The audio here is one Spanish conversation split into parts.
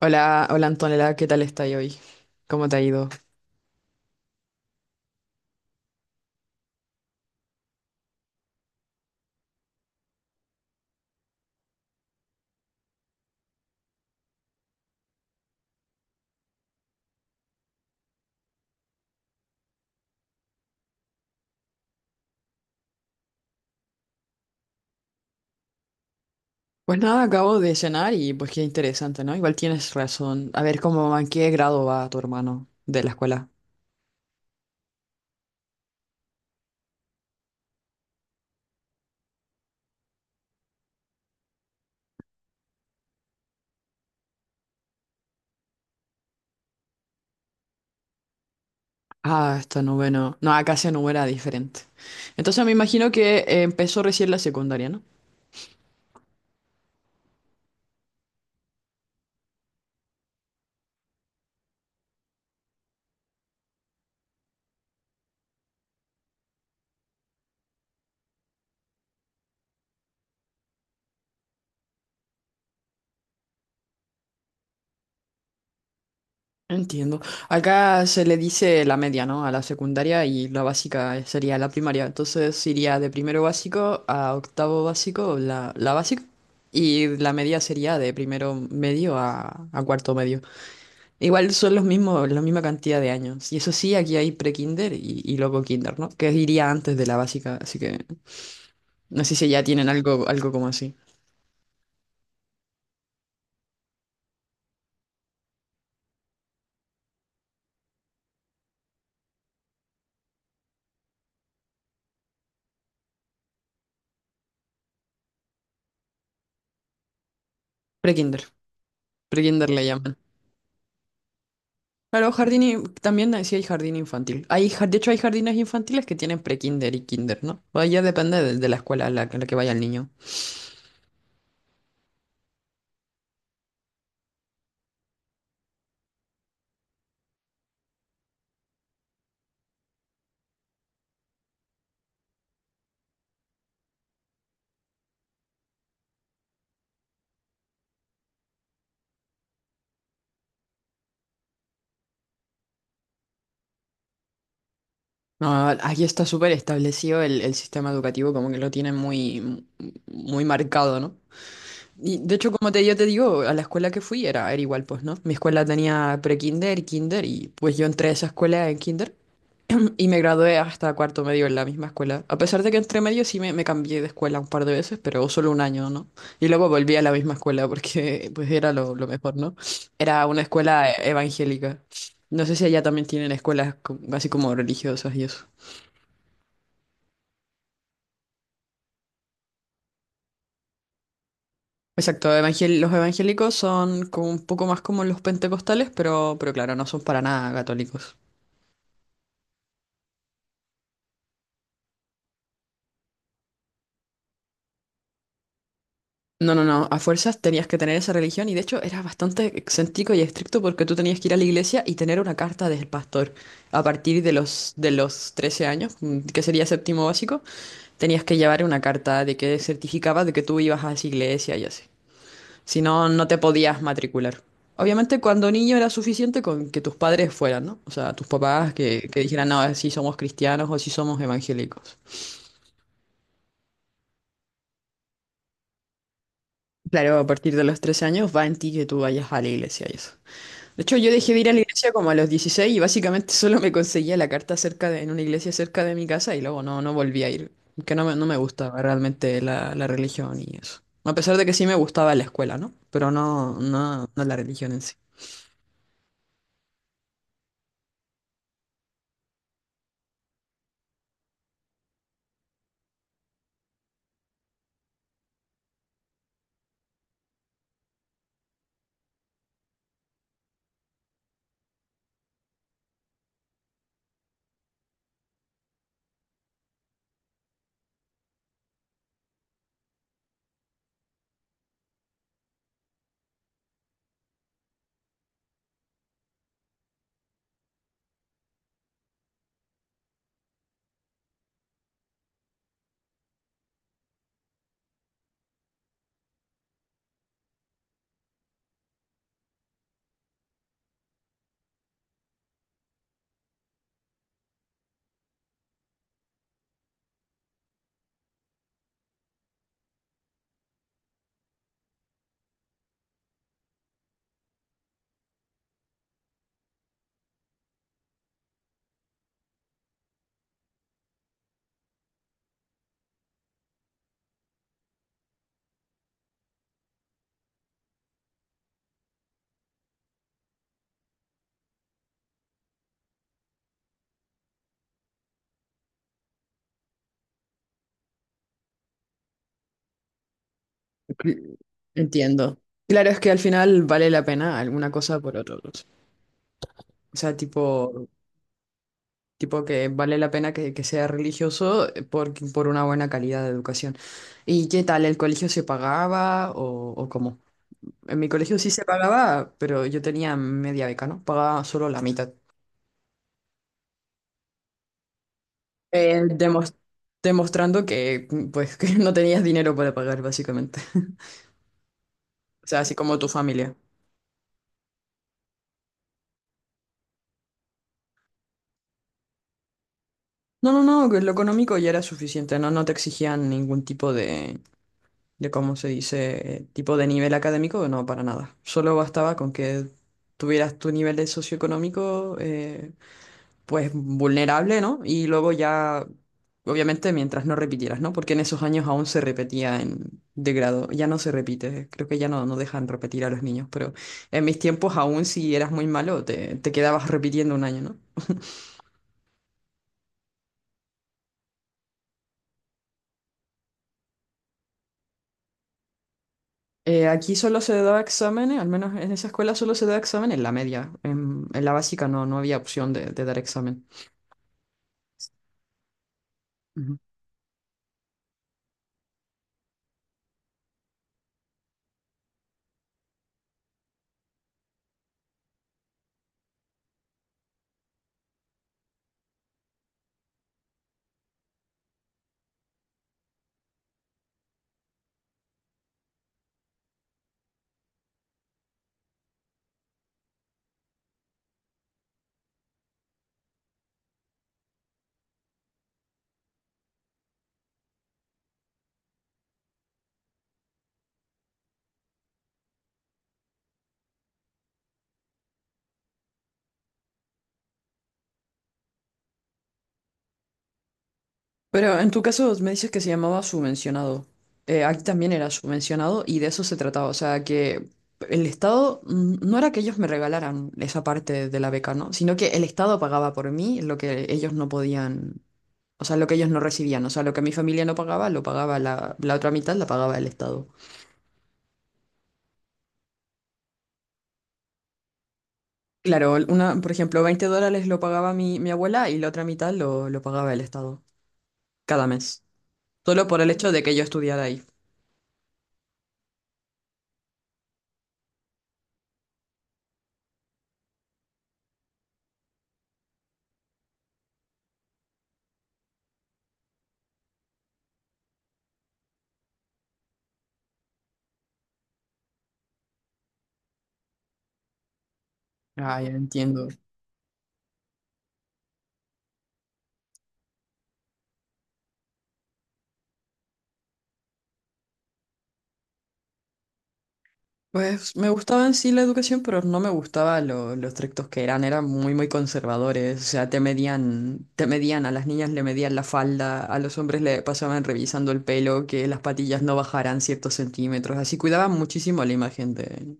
Hola, hola Antonella, ¿qué tal estás hoy? ¿Cómo te ha ido? Pues nada, acabo de cenar y pues qué interesante, ¿no? Igual tienes razón. A ver, ¿cómo, en qué grado va tu hermano de la escuela? Ah, está noveno. No, acá se número era diferente. Entonces me imagino que empezó recién la secundaria, ¿no? Entiendo. Acá se le dice la media, ¿no? A la secundaria y la básica sería la primaria. Entonces iría de primero básico a octavo básico, la básica. Y la media sería de primero medio a cuarto medio. Igual son los mismos, la misma cantidad de años. Y eso sí, aquí hay pre-kinder y luego kinder, ¿no? Que iría antes de la básica. Así que no sé si ya tienen algo, algo como así. Pre-kinder. Pre-kinder le llaman. Claro, jardín, in- también decía hay jardín infantil. Hay, ja- de hecho, hay jardines infantiles que tienen pre-kinder y kinder, ¿no? O ya depende de la escuela a la que vaya el niño. No, aquí está súper establecido el sistema educativo, como que lo tienen muy marcado, ¿no? Y de hecho, como te, yo te digo, a la escuela que fui era, era igual, pues, ¿no? Mi escuela tenía pre-kinder, kinder, y pues yo entré a esa escuela en kinder. Y me gradué hasta cuarto medio en la misma escuela. A pesar de que entre medio sí me cambié de escuela un par de veces, pero solo un año, ¿no? Y luego volví a la misma escuela porque pues era lo mejor, ¿no? Era una escuela evangélica. No sé si allá también tienen escuelas co- así como religiosas y eso. Exacto, evangel- los evangélicos son como un poco más como los pentecostales, pero claro, no son para nada católicos. No, no, no, a fuerzas tenías que tener esa religión y de hecho era bastante excéntrico y estricto porque tú tenías que ir a la iglesia y tener una carta del pastor. A partir de los 13 años, que sería séptimo básico, tenías que llevar una carta de que certificaba de que tú ibas a esa iglesia y así. Si no, no te podías matricular. Obviamente cuando niño era suficiente con que tus padres fueran, ¿no? O sea, tus papás que dijeran, no, si somos cristianos o si somos evangélicos. Claro, a partir de los 13 años va en ti que tú vayas a la iglesia y eso. De hecho, yo dejé de ir a la iglesia como a los 16 y básicamente solo me conseguía la carta cerca de, en una iglesia cerca de mi casa y luego no, no volví a ir. Que no me, no me gustaba realmente la religión y eso. A pesar de que sí me gustaba la escuela, ¿no? Pero no, no, no la religión en sí. Cl- Entiendo. Claro, es que al final vale la pena alguna cosa por otra. Cosa. O sea, tipo, tipo que vale la pena que sea religioso por una buena calidad de educación. ¿Y qué tal? ¿El colegio se pagaba o cómo? En mi colegio sí se pagaba, pero yo tenía media beca, ¿no? Pagaba solo la mitad. Eh, demos- demostrando que, pues, que no tenías dinero para pagar, básicamente. O sea, así como tu familia. No, no, no, que lo económico ya era suficiente, ¿no? No te exigían ningún tipo de, ¿cómo se dice? Tipo de nivel académico, no, para nada. Solo bastaba con que tuvieras tu nivel de socioeconómico, pues vulnerable, ¿no? Y luego ya, obviamente, mientras no repitieras, ¿no? Porque en esos años aún se repetía en, de grado, ya no se repite, creo que ya no, no dejan repetir a los niños, pero en mis tiempos aún si eras muy malo te, te quedabas repitiendo un año, ¿no? Aquí solo se daba exámenes, al menos en esa escuela solo se daba examen en la media, en la básica no, no había opción de dar examen. Pero en tu caso me dices que se llamaba subvencionado. Aquí también era subvencionado y de eso se trataba. O sea, que el Estado no era que ellos me regalaran esa parte de la beca, ¿no? Sino que el Estado pagaba por mí lo que ellos no podían, o sea, lo que ellos no recibían. O sea, lo que mi familia no pagaba, lo pagaba la otra mitad, la pagaba el Estado. Claro, una, por ejemplo, 20 dólares lo pagaba mi, mi abuela y la otra mitad lo pagaba el Estado cada mes. Solo por el hecho de que yo estudiara ahí. Ah, ya entiendo. Pues me gustaba en sí la educación, pero no me gustaba lo estrictos que eran, eran muy muy conservadores, o sea, te medían, a las niñas le medían la falda, a los hombres le pasaban revisando el pelo, que las patillas no bajaran ciertos centímetros, así cuidaban muchísimo la imagen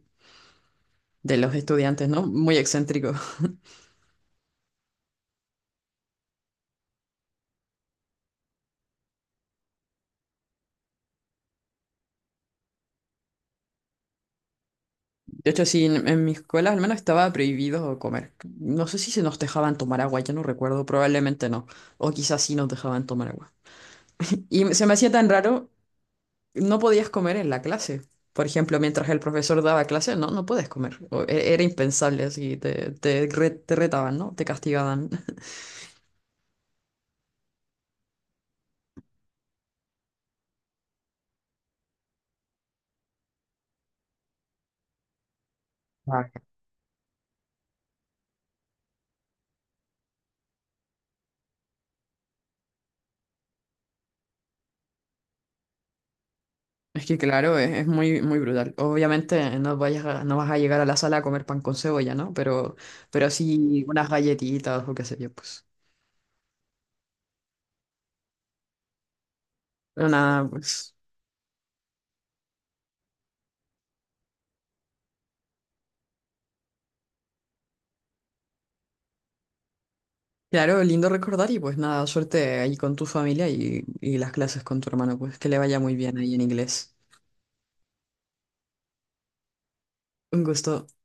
de los estudiantes, ¿no? Muy excéntrico. De hecho, sí, en mi escuela al menos estaba prohibido comer. No sé si se nos dejaban tomar agua, ya no recuerdo, probablemente no, o quizás sí nos dejaban tomar agua. Y se me hacía tan raro no podías comer en la clase. Por ejemplo, mientras el profesor daba clase, no, no puedes comer. O e- Era impensable, así te, te re- te retaban, ¿no? Te castigaban. Ah, es que claro, es muy, muy brutal. Obviamente no vayas a- no vas a llegar a la sala a comer pan con cebolla, ¿no? Pero sí unas galletitas o qué sé yo, pues. Pero nada, pues. Claro, lindo recordar y pues nada, suerte ahí con tu familia y las clases con tu hermano, pues que le vaya muy bien ahí en inglés. Un gusto.